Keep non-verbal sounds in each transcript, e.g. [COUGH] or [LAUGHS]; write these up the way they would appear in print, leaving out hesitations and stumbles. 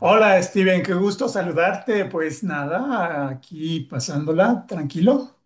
Hola Steven, qué gusto saludarte. Pues nada, aquí pasándola, tranquilo.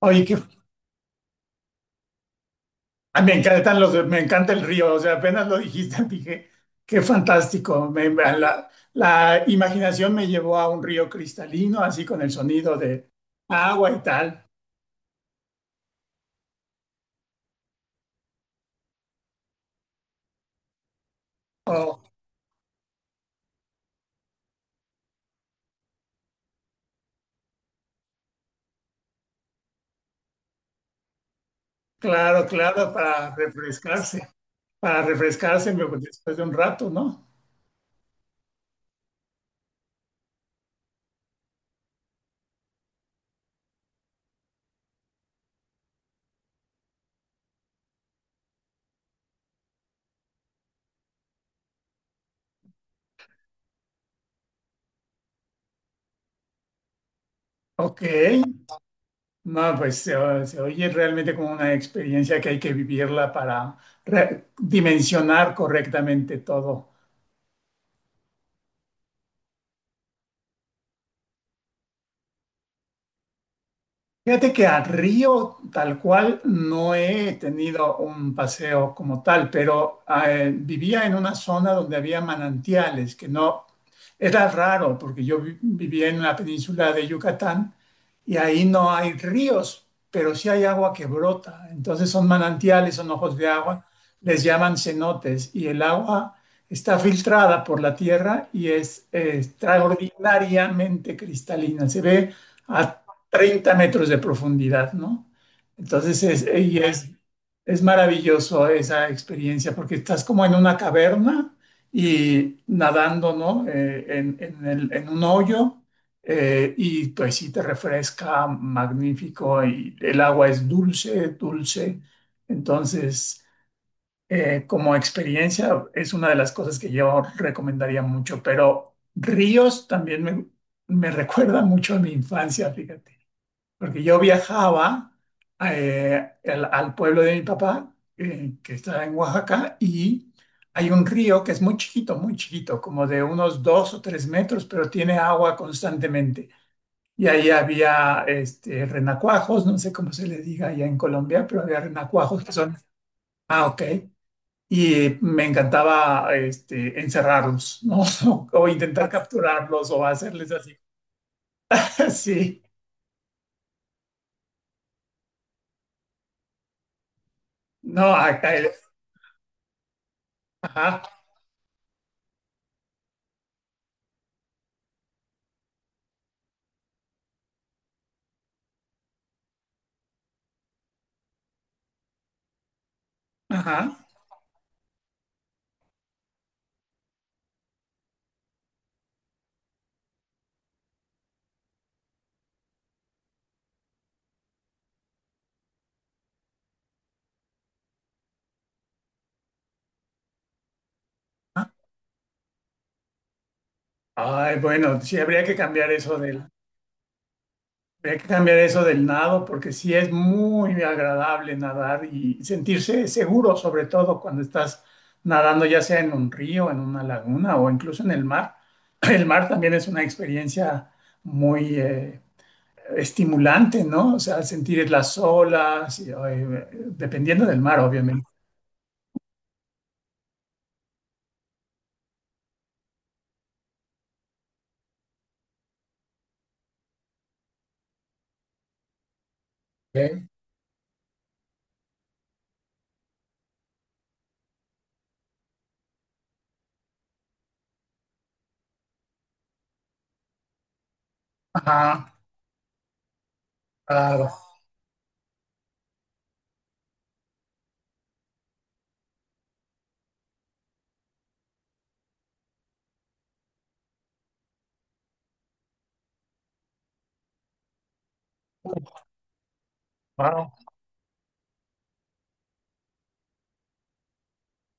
Oye, me encanta el río. O sea, apenas lo dijiste, [LAUGHS] dije, qué fantástico. La imaginación me llevó a un río cristalino, así con el sonido de agua y tal. Oh, claro, claro, para refrescarse después de un rato, ¿no? Ok. No, pues se oye realmente como una experiencia que hay que vivirla para dimensionar correctamente todo. Fíjate que a Río tal cual no he tenido un paseo como tal, pero vivía en una zona donde había manantiales, que no era raro porque yo vivía en la península de Yucatán y ahí no hay ríos, pero sí hay agua que brota. Entonces son manantiales, son ojos de agua, les llaman cenotes y el agua está filtrada por la tierra y es extraordinariamente cristalina. Se ve a 30 metros de profundidad, ¿no? Entonces es maravilloso esa experiencia porque estás como en una caverna y nadando, ¿no? En un hoyo, y pues sí te refresca, magnífico, y el agua es dulce, dulce. Entonces, como experiencia es una de las cosas que yo recomendaría mucho, pero ríos también me [LAUGHS] recuerda mucho a mi infancia, fíjate. Porque yo viajaba al pueblo de mi papá, que está en Oaxaca, y hay un río que es muy chiquito, como de unos 2 o 3 metros, pero tiene agua constantemente. Y ahí había este, renacuajos, no sé cómo se le diga allá en Colombia, pero había renacuajos que son, ah, ok. Y me encantaba este, encerrarlos, ¿no? [LAUGHS] O, intentar capturarlos o hacerles así. [LAUGHS] Sí, no, acá, ajá, ajá. Ay, bueno, sí, habría que cambiar eso del nado, porque sí es muy agradable nadar y sentirse seguro, sobre todo cuando estás nadando, ya sea en un río, en una laguna o incluso en el mar. [LAUGHS] El mar también es una experiencia muy estimulante, ¿no? O sea, sentir las olas, y, ay, dependiendo del mar, obviamente. ¿Ok? Ajá, claro. Wao.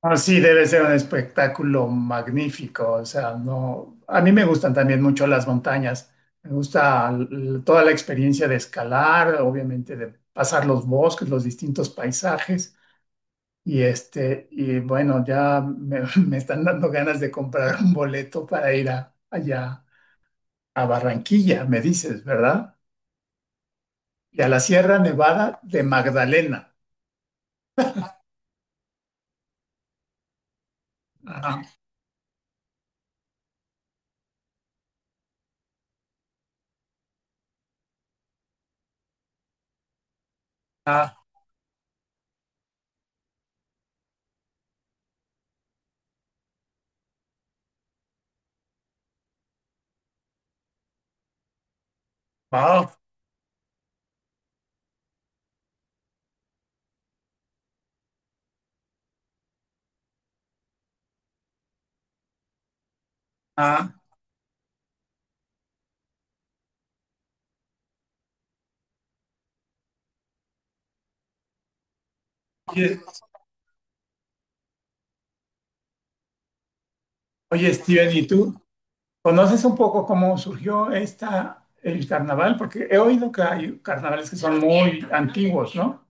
Ah, sí, debe ser un espectáculo magnífico. O sea, no, a mí me gustan también mucho las montañas. Me gusta toda la experiencia de escalar, obviamente de pasar los bosques, los distintos paisajes. Y este, y bueno, ya [LAUGHS] me están dando ganas de comprar un boleto para ir allá a Barranquilla, me dices, ¿verdad? Y a la Sierra Nevada de Magdalena. Ajá. Ah, wow. Ah. Oye, oye, Steven, ¿y tú? ¿Conoces un poco cómo surgió esta, el carnaval? Porque he oído que hay carnavales que son muy antiguos, ¿no?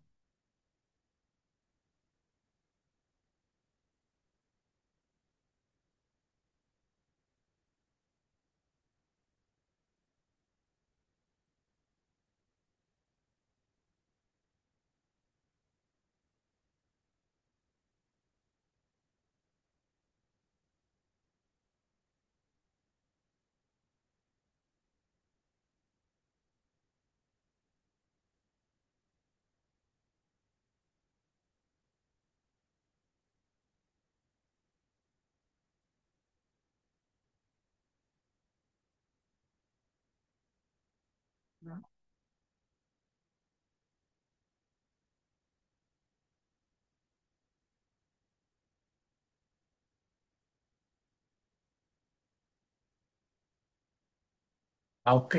Ah, ok.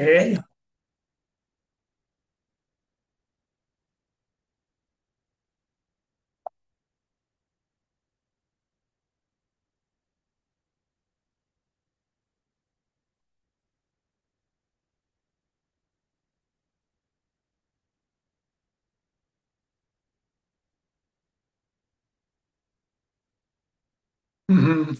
Ujú.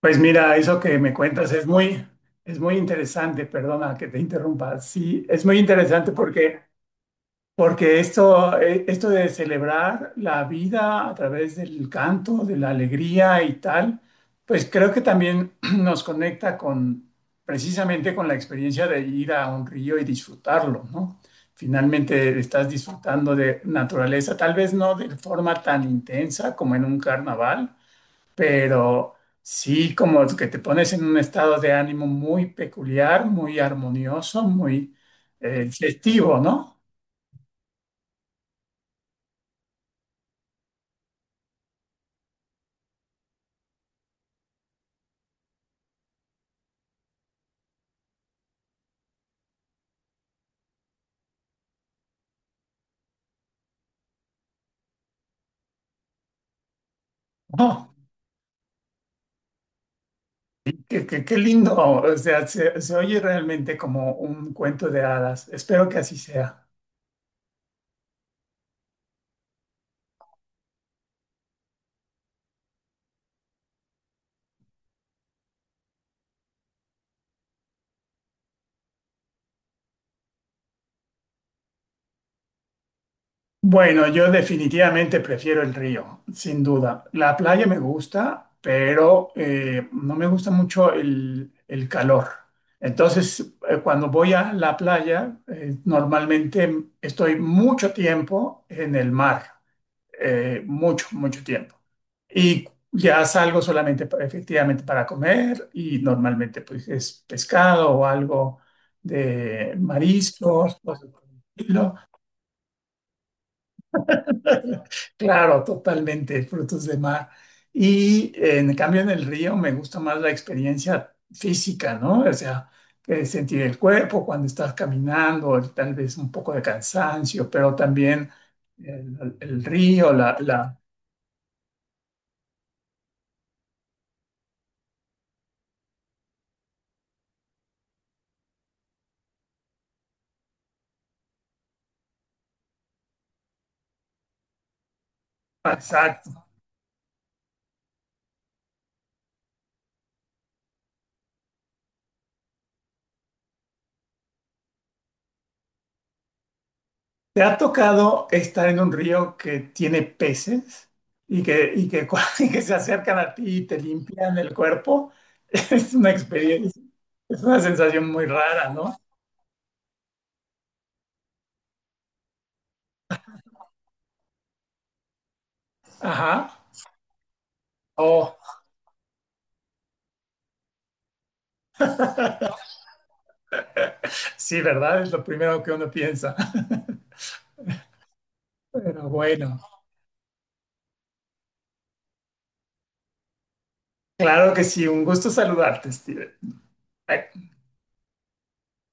Pues mira, eso que me cuentas es muy, interesante. Perdona que te interrumpa. Sí, es muy interesante porque esto de celebrar la vida a través del canto, de la alegría y tal, pues creo que también [CLEARS THROAT] nos conecta con precisamente con la experiencia de ir a un río y disfrutarlo, ¿no? Finalmente estás disfrutando de naturaleza, tal vez no de forma tan intensa como en un carnaval, pero sí como que te pones en un estado de ánimo muy peculiar, muy armonioso, muy festivo, ¿no? [LAUGHS] Qué, qué lindo, o sea, se oye realmente como un cuento de hadas. Espero que así sea. Bueno, yo definitivamente prefiero el río, sin duda. La playa me gusta, pero no me gusta mucho el calor. Entonces, cuando voy a la playa, normalmente estoy mucho tiempo en el mar. Mucho, mucho tiempo. Y ya salgo solamente efectivamente para comer y normalmente pues es pescado o algo de mariscos, cosas por el estilo. [LAUGHS] Claro, totalmente, frutos de mar. Y en cambio en el río me gusta más la experiencia física, ¿no? O sea, sentir el cuerpo cuando estás caminando, tal vez un poco de cansancio, pero también el río. La, ¿Te ha tocado estar en un río que tiene peces y [LAUGHS] y que se acercan a ti y te limpian el cuerpo? [LAUGHS] Es una experiencia, es una sensación muy rara, ¿no? Ajá. Oh, [LAUGHS] sí, ¿verdad? Es lo primero que uno piensa. [LAUGHS] Pero bueno, claro que sí, un gusto saludarte, Steven.